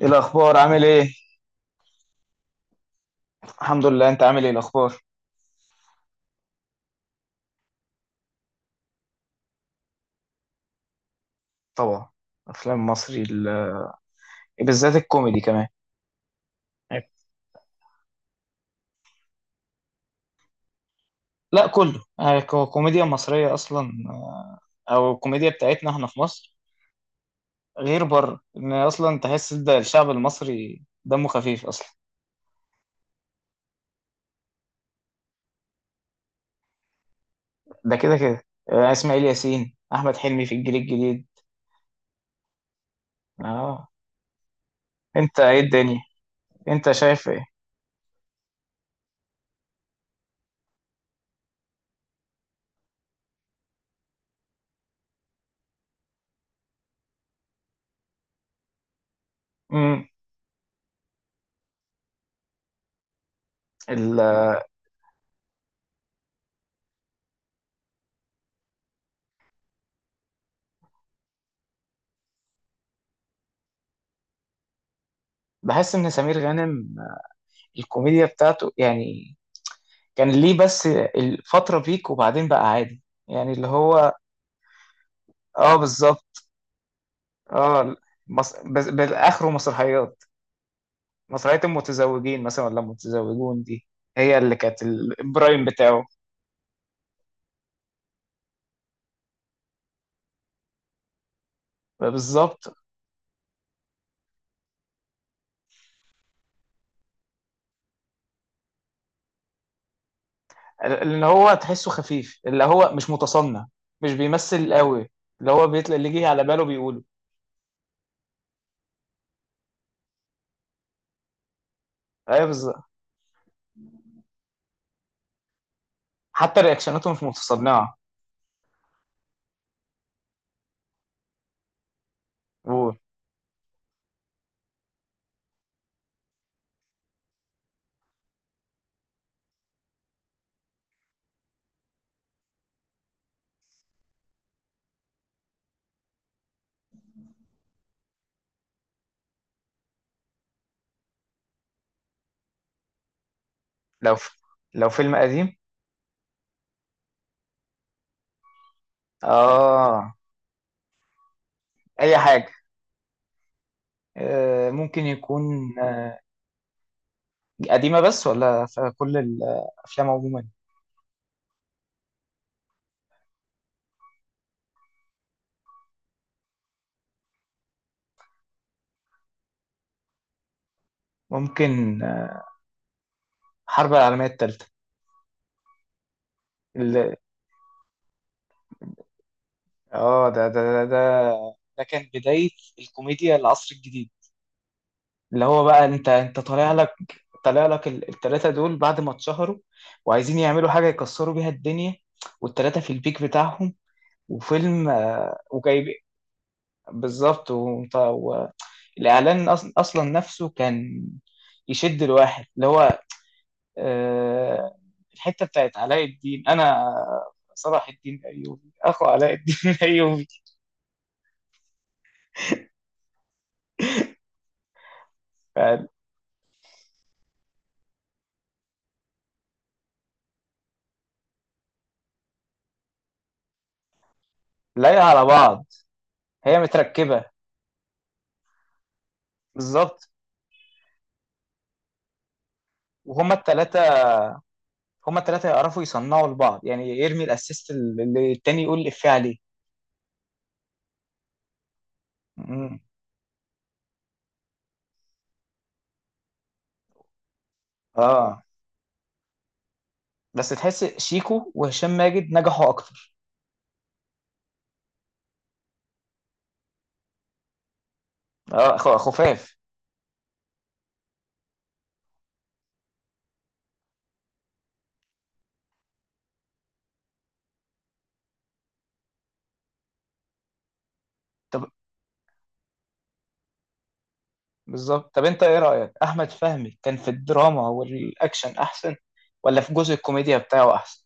إيه الاخبار عامل ايه؟ الحمد لله، انت عامل ايه الاخبار؟ طبعا. افلام مصري، إيه بالذات الكوميدي كمان. أيوة. لا، كله يعني الكوميديا المصريه اصلا، او الكوميديا بتاعتنا احنا في مصر، غير بره ان اصلا تحس ده الشعب المصري دمه خفيف اصلا. ده كده كده، اسماعيل ياسين، احمد حلمي في الجيل الجديد. اه. انت ايه الدنيا؟ انت شايف ايه؟ امم. ال- بحس ان سمير غانم الكوميديا بتاعته يعني كان ليه بس الفترة بيك، وبعدين بقى عادي. يعني اللي هو. اه، بالظبط. اه. بس بالاخره مسرحيات. مسرحية المتزوجين مثلا، ولا المتزوجون دي هي اللي كانت البرايم بتاعه. بالظبط، اللي هو تحسه خفيف، اللي هو مش متصنع، مش بيمثل قوي. اللي هو بيطلع اللي يجي على باله بيقوله. ايوه، بالظبط. حتى رياكشناته مش متصنعة. ولو. لو فيلم قديم. اه. اي حاجة. ممكن يكون. قديمة، بس ولا في كل الأفلام عموما؟ ممكن، الحرب العالمية الثالثة. ال- اه ده كان بداية الكوميديا العصر الجديد. اللي هو بقى انت طالع لك التلاتة دول بعد ما اتشهروا، وعايزين يعملوا حاجة يكسروا بيها الدنيا، والتلاتة في البيك بتاعهم، وفيلم، وجايب. بالظبط، والإعلان أصلا نفسه كان يشد الواحد اللي هو، آه، الحته بتاعت علاء الدين، انا صلاح الدين الايوبي اخو علاء الدين الايوبي. لايقه على بعض، هي متركبه. بالظبط، وهما التلاتة هما التلاتة يعرفوا يصنعوا لبعض، يعني يرمي الاسيست اللي التاني يقول الإفيه عليه. مم. اه، بس تحس شيكو وهشام ماجد نجحوا اكتر. اه، خفاف. طب، بالظبط. طب انت ايه رأيك؟ احمد فهمي كان في الدراما والاكشن احسن، ولا في جزء الكوميديا بتاعه احسن؟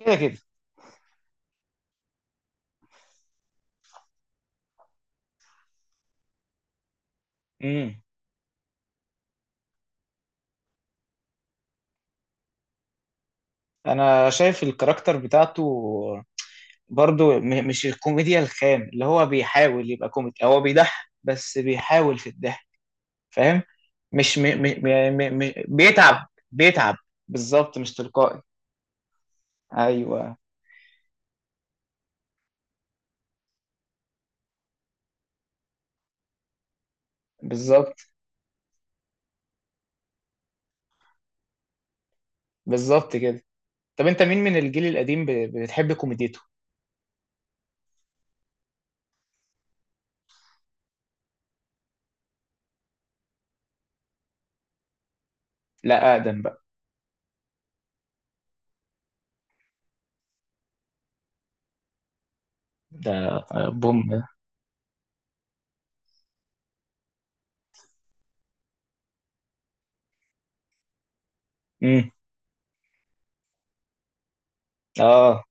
كده كده. امم. انا شايف الكاركتر بتاعته برضو مش الكوميديا الخام، اللي هو بيحاول يبقى كوميدي، هو بيضحك بس بيحاول في الضحك، فاهم؟ مش بيتعب، بيتعب. بالظبط، مش تلقائي. ايوه، بالظبط. بالظبط كده. طب انت مين من الجيل القديم بتحب كوميديته؟ لا، اقدم بقى. ده، بوم ده. امم. اه،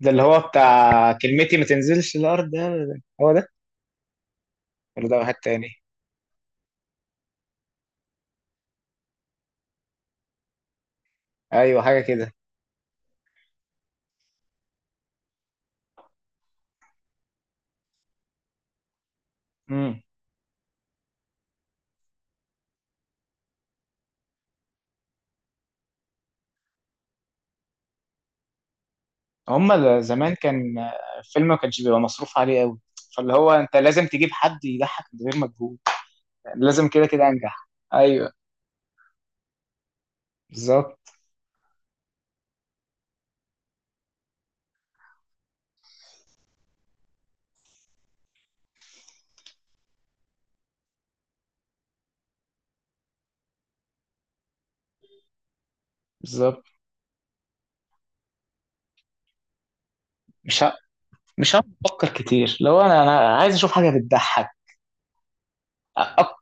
ده اللي هو بتاع كلمتي ما تنزلش الارض، ده هو ده. ولا ده واحد تاني؟ ايوه، حاجه كده. هما زمان كان الفيلم ما كانش بيبقى مصروف عليه قوي. فاللي هو انت لازم تجيب حد يضحك من غير مجهود، لازم كده كده انجح. ايوه، بالظبط. بالظبط، مش ه... مش هقعد افكر كتير لو انا عايز اشوف حاجه بتضحك. أك...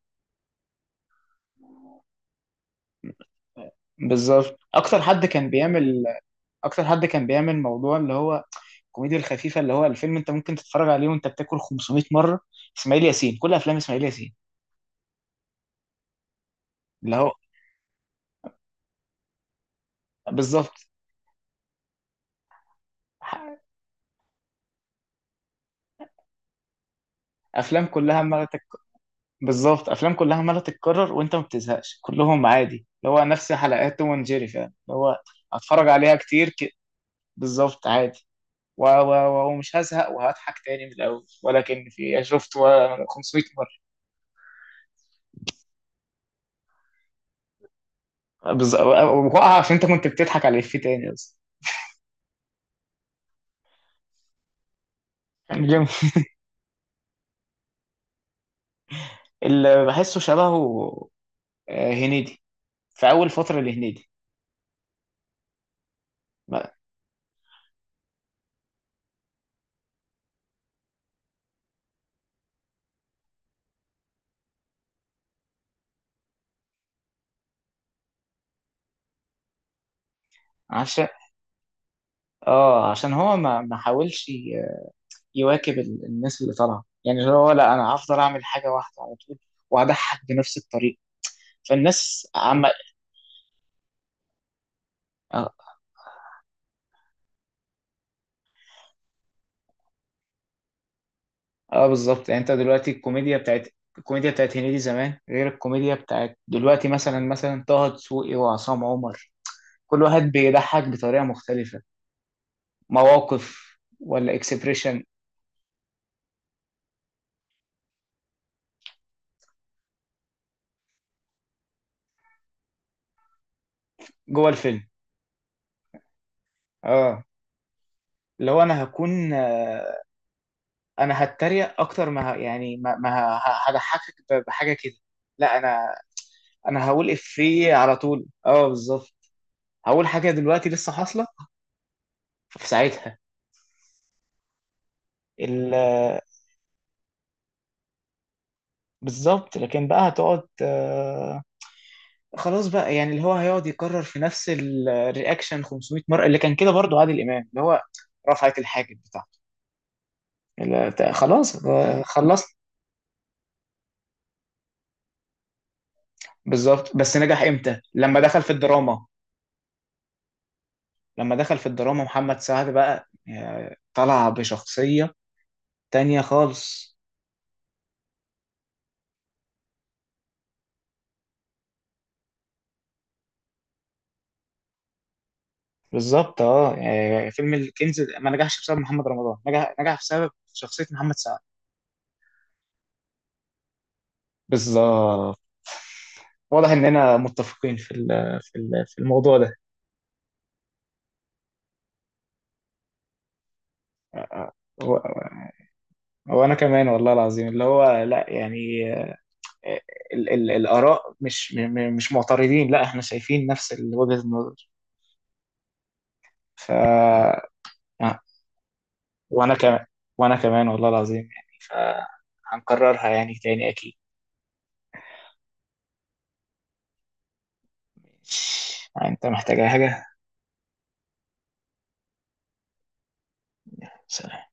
بالظبط، اكتر حد كان بيعمل موضوع اللي هو الكوميديا الخفيفه، اللي هو الفيلم انت ممكن تتفرج عليه وانت بتاكل 500 مره. اسماعيل ياسين، كل افلام اسماعيل ياسين. اللي هو بالظبط، ح- افلام كلها بالظبط، افلام كلها عماله تتكرر، وانت ما بتزهقش، كلهم عادي. اللي هو نفس حلقات توم اند جيري فعلا، اللي هو هتفرج عليها كتير، بالظبط، عادي. ومش هزهق، وهضحك تاني من الاول، ولكن في، يعني شفت 500 مره. بالظبط، وقع عشان انت كنت بتضحك على الافيه تاني اصلا. يعني جامد. اللي بحسه شبهه هنيدي، في اول فتره لهنيدي. ما- عشان اه عشان هو ما حاولش يواكب الناس اللي طالعه، يعني اللي هو، لا انا هفضل اعمل حاجه واحده على طول، واضحك بنفس الطريقه. فالناس عم، اه, بالظبط، يعني انت دلوقتي الكوميديا بتاعت، الكوميديا بتاعت هنيدي زمان غير الكوميديا بتاعت دلوقتي، مثلا، طه دسوقي وعصام عمر. كل واحد بيضحك بطريقه مختلفه، مواقف ولا اكسبريشن؟ جوه الفيلم. اه، اللي هو انا هكون، انا هتريق اكتر ما يعني ما هضحكك بحاجه كده. لا، انا هقول افيه على طول. اه، بالظبط. هقول حاجه دلوقتي لسه حاصله في ساعتها، ال- بالظبط، لكن بقى هتقعد، خلاص بقى، يعني اللي هو هيقعد يكرر في نفس الرياكشن 500 مره، اللي كان كده برضو عادل امام، اللي هو رفعت الحاجب بتاعته، اللي خلاص، خلصت. بالظبط، بس نجح امتى؟ لما دخل في الدراما، لما دخل في الدراما محمد سعد بقى، طلع بشخصيه تانية خالص. بالظبط، اه يعني فيلم الكنز ما نجحش بسبب محمد رمضان، نجح بسبب شخصية محمد سعد. بالظبط، واضح اننا متفقين في الموضوع ده. و- وانا كمان والله العظيم، اللي هو لا، يعني، آه، ال ال الاراء مش م- م- مش معترضين، لا، احنا شايفين نفس وجهة النظر. ف آه، وانا كمان وانا كمان والله العظيم، يعني فهنكررها يعني تاني اكيد. يعني انت محتاج أي حاجة؟ سلام.